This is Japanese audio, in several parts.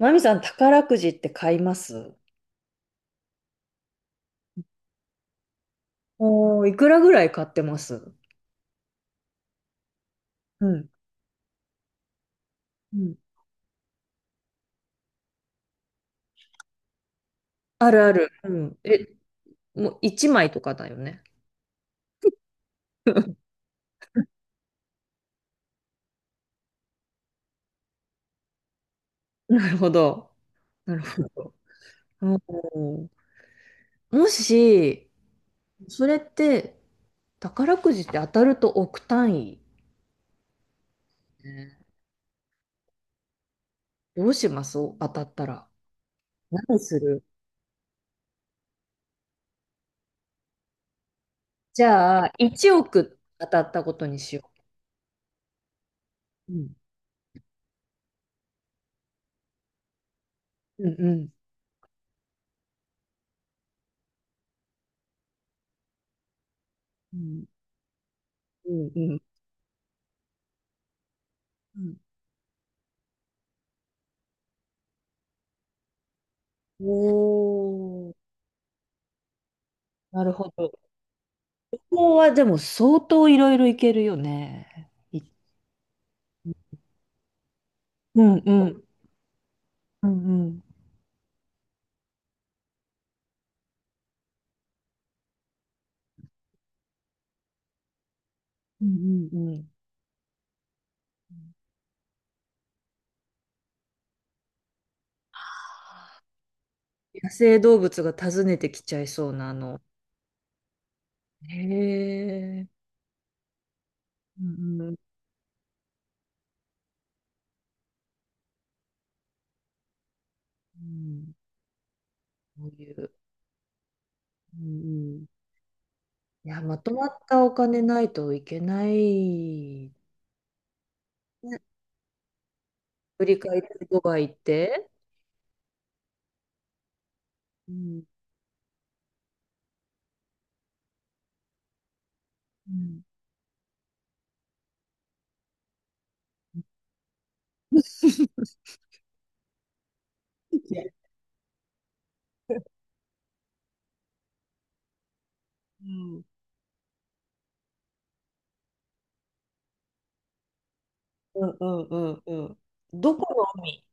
マミさん、宝くじって買いますおおー、いくらぐらい買ってますうん。うん。あるある。うん。え、もう1枚とかだよね。なるほど。なるほど。おー、もし、それって、宝くじって当たると億単位。ね。どうします、当たったら。何する？じゃあ、1億当たったことにしよう。うん。うんうん。うんうんうん。うん。おー、なるほど。ここはでも相当いろいろいけるよね。いうんうん。うんうん。うんうんうん。野生動物が訪ねてきちゃいそうな、へえ。うんうんうん。そういう。うんうん。いや、まとまったお金ないといけない。ね。振り返りドバイ行って。うん。うん。ね。うん。 うんうんうんうん。どこの海？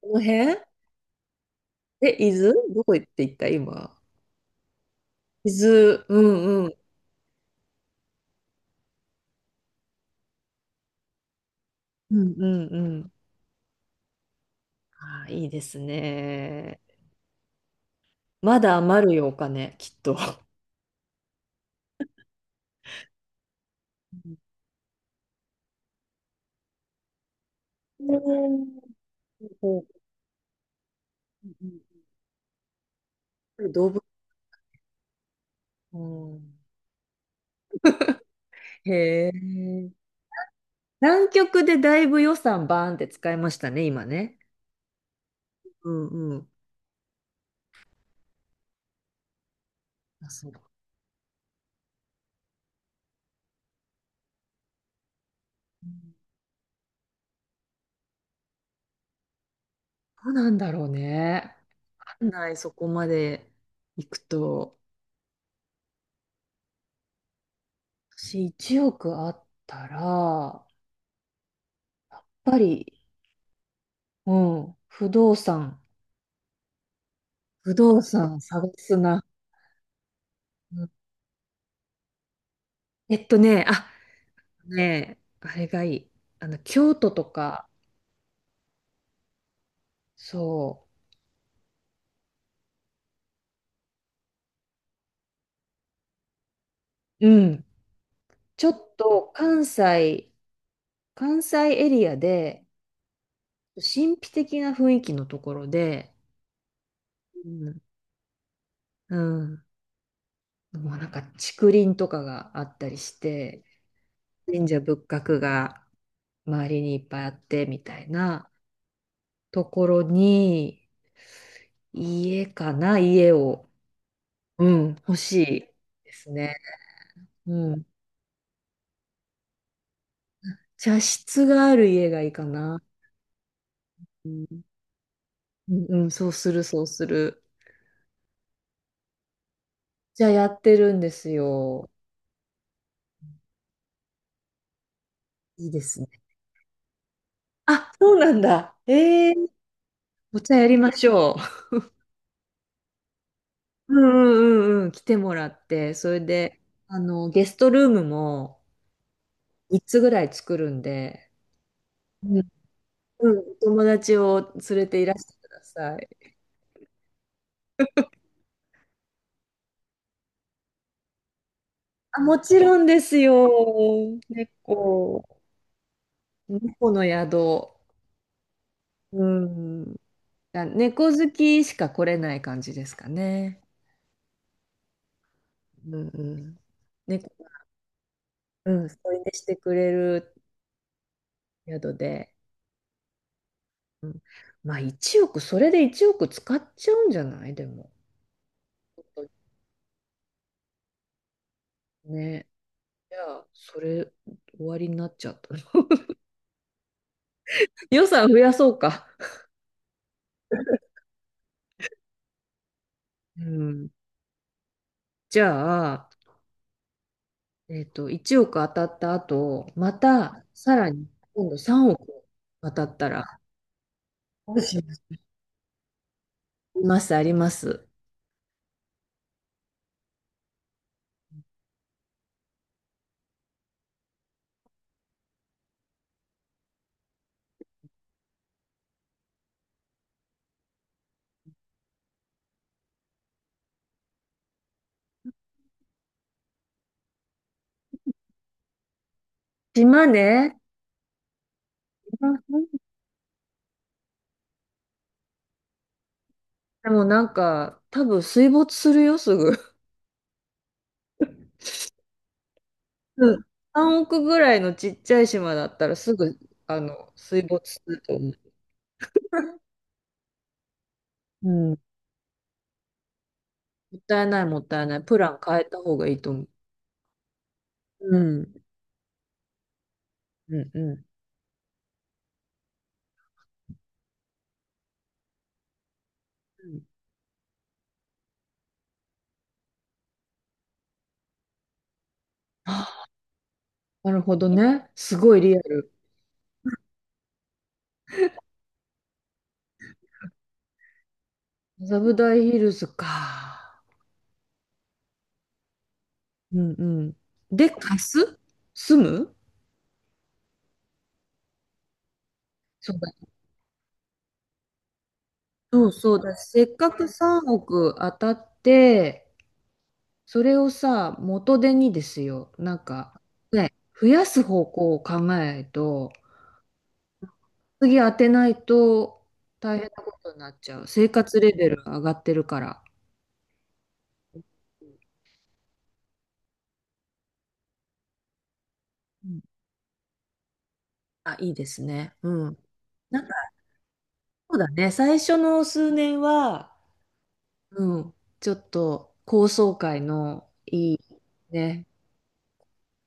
この辺？え、伊豆どこ行って行った今。水、うんうん。うんうんうん。ああ、いいですね。まだ余るよ、お金、きっと。うんうんうん。動物、うん。へえ。南極でだいぶ予算バーンって使いましたね、今ね。うんうん。あ、そう。うん。どうなんだろうね。わかんない、そこまで行くと。私、1億あったら、やっぱり、うん、不動産。不動産探すな。うん。えっとね、あ、ね、あれがいい。あの、京都とか、そう、うん。ちょっと関西、関西エリアで、神秘的な雰囲気のところで、うん、うん。もうなんか竹林とかがあったりして、神社仏閣が周りにいっぱいあって、みたいなところに、家かな、家を、うん、欲しいですね。うん。茶室がある家がいいかな。うん、うん。そうする、そうする。じゃあやってるんですよ。いいですね。あ、そうなんだ。えー、お茶やりましょう。うんうんうんうん。来てもらって、それで、あの、ゲストルームも3つぐらい作るんで、うん、うん。お友達を連れていらしてください。あ、もちろんですよ。猫、猫の宿。うん。あ、猫好きしか来れない感じですかね。うんうん。猫が、うん、添い寝してくれる宿で。うん、まあ1億、それで1億使っちゃうんじゃないでも。ね。じゃあ、それ終わりになっちゃった。予算増やそうか。うん。じゃあ、1億当たった後、またさらに今度3億当たったら、どうします？あります、あります。島根、でもなんか、多分水没するよ、すぐ。うん。3億ぐらいのちっちゃい島だったらすぐ、あの、水没すると思う。うん。もったいない、もったいない。プラン変えた方がいいと思う。うん。うん、うん。うん。あ、なるほどね。すごいリアル。麻布台ヒルズか。うんうん。で、貸す？住む？そうだ。そうそうだ。せっかく3億当たって、それをさ、元手にですよ、なんか、ね、増やす方向を考えないと、次当てないと大変なことになっちゃう。生活レベルが上がってるから。うん。あ、いいですね。うん。なんか、そうだね。最初の数年は、うん、ちょっと高層階のいい、ね、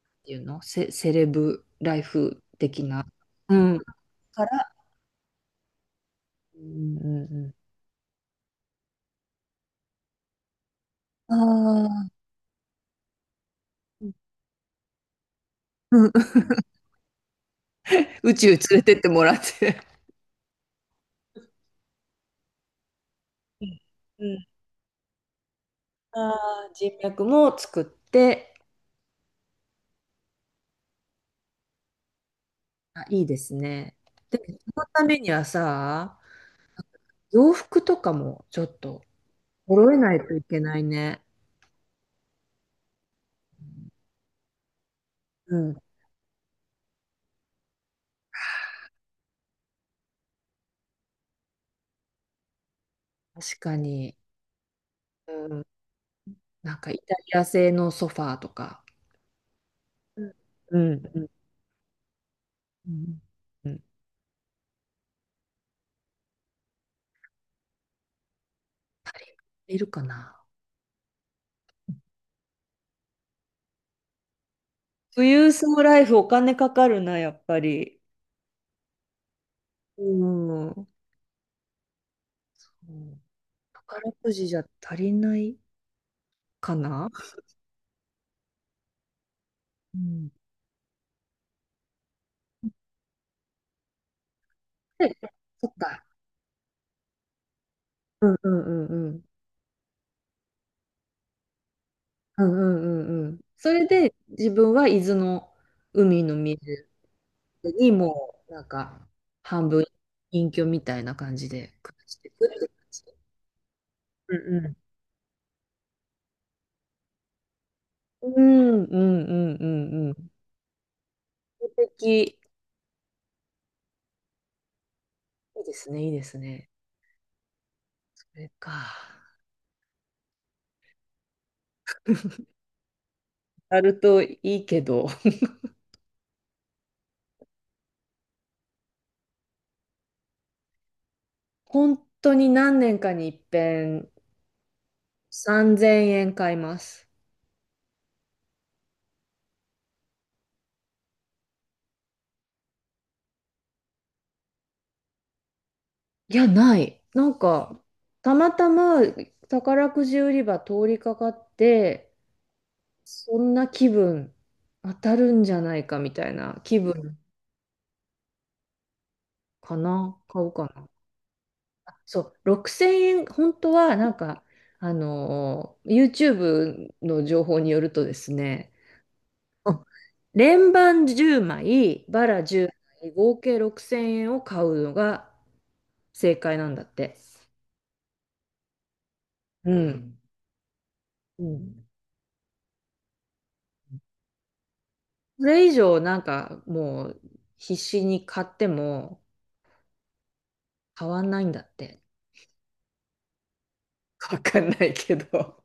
っていうの、セ、セレブライフ的な。うん。から、うんうんうん。ああ、うん。 宇宙連れてってもらって。うん。うん。あー、人脈も作って、あ、いいですね。でも、そのためにはさ、洋服とかもちょっと揃えないといけないね。うん、確かに。うん、なんかイタリア製のソファーとか。うんうんうんうん。うん。いるかな。富裕層ライフお金かかるな、やっぱり。うん。うん。宝くじじゃ足りないかな。うん。で、そっか。うんうんうんうん。うんうんうんうん。それで自分は伊豆の海の水にもうなんか半分隠居みたいな感じで暮らしていくって感じ。うんうん。うんうんうんうんうん。素敵。いいですね、いいですね。それか。あるといいけど、本当に何年かに一遍3000円買います。いや、ない。なんか、たまたま宝くじ売り場通りかかって、そんな気分、当たるんじゃないかみたいな気分かな、買うかな。あそう、6000円、本当はなんか、YouTube の情報によるとですね、連番10枚、バラ10枚、合計6000円を買うのが正解なんだって。うん。うん。それ以上なんかもう必死に買っても買わないんだって。わかんないけど。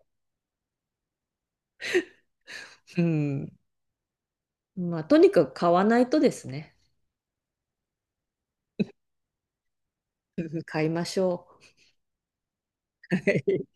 うん。まあとにかく買わないとですね。買いましょう。はい。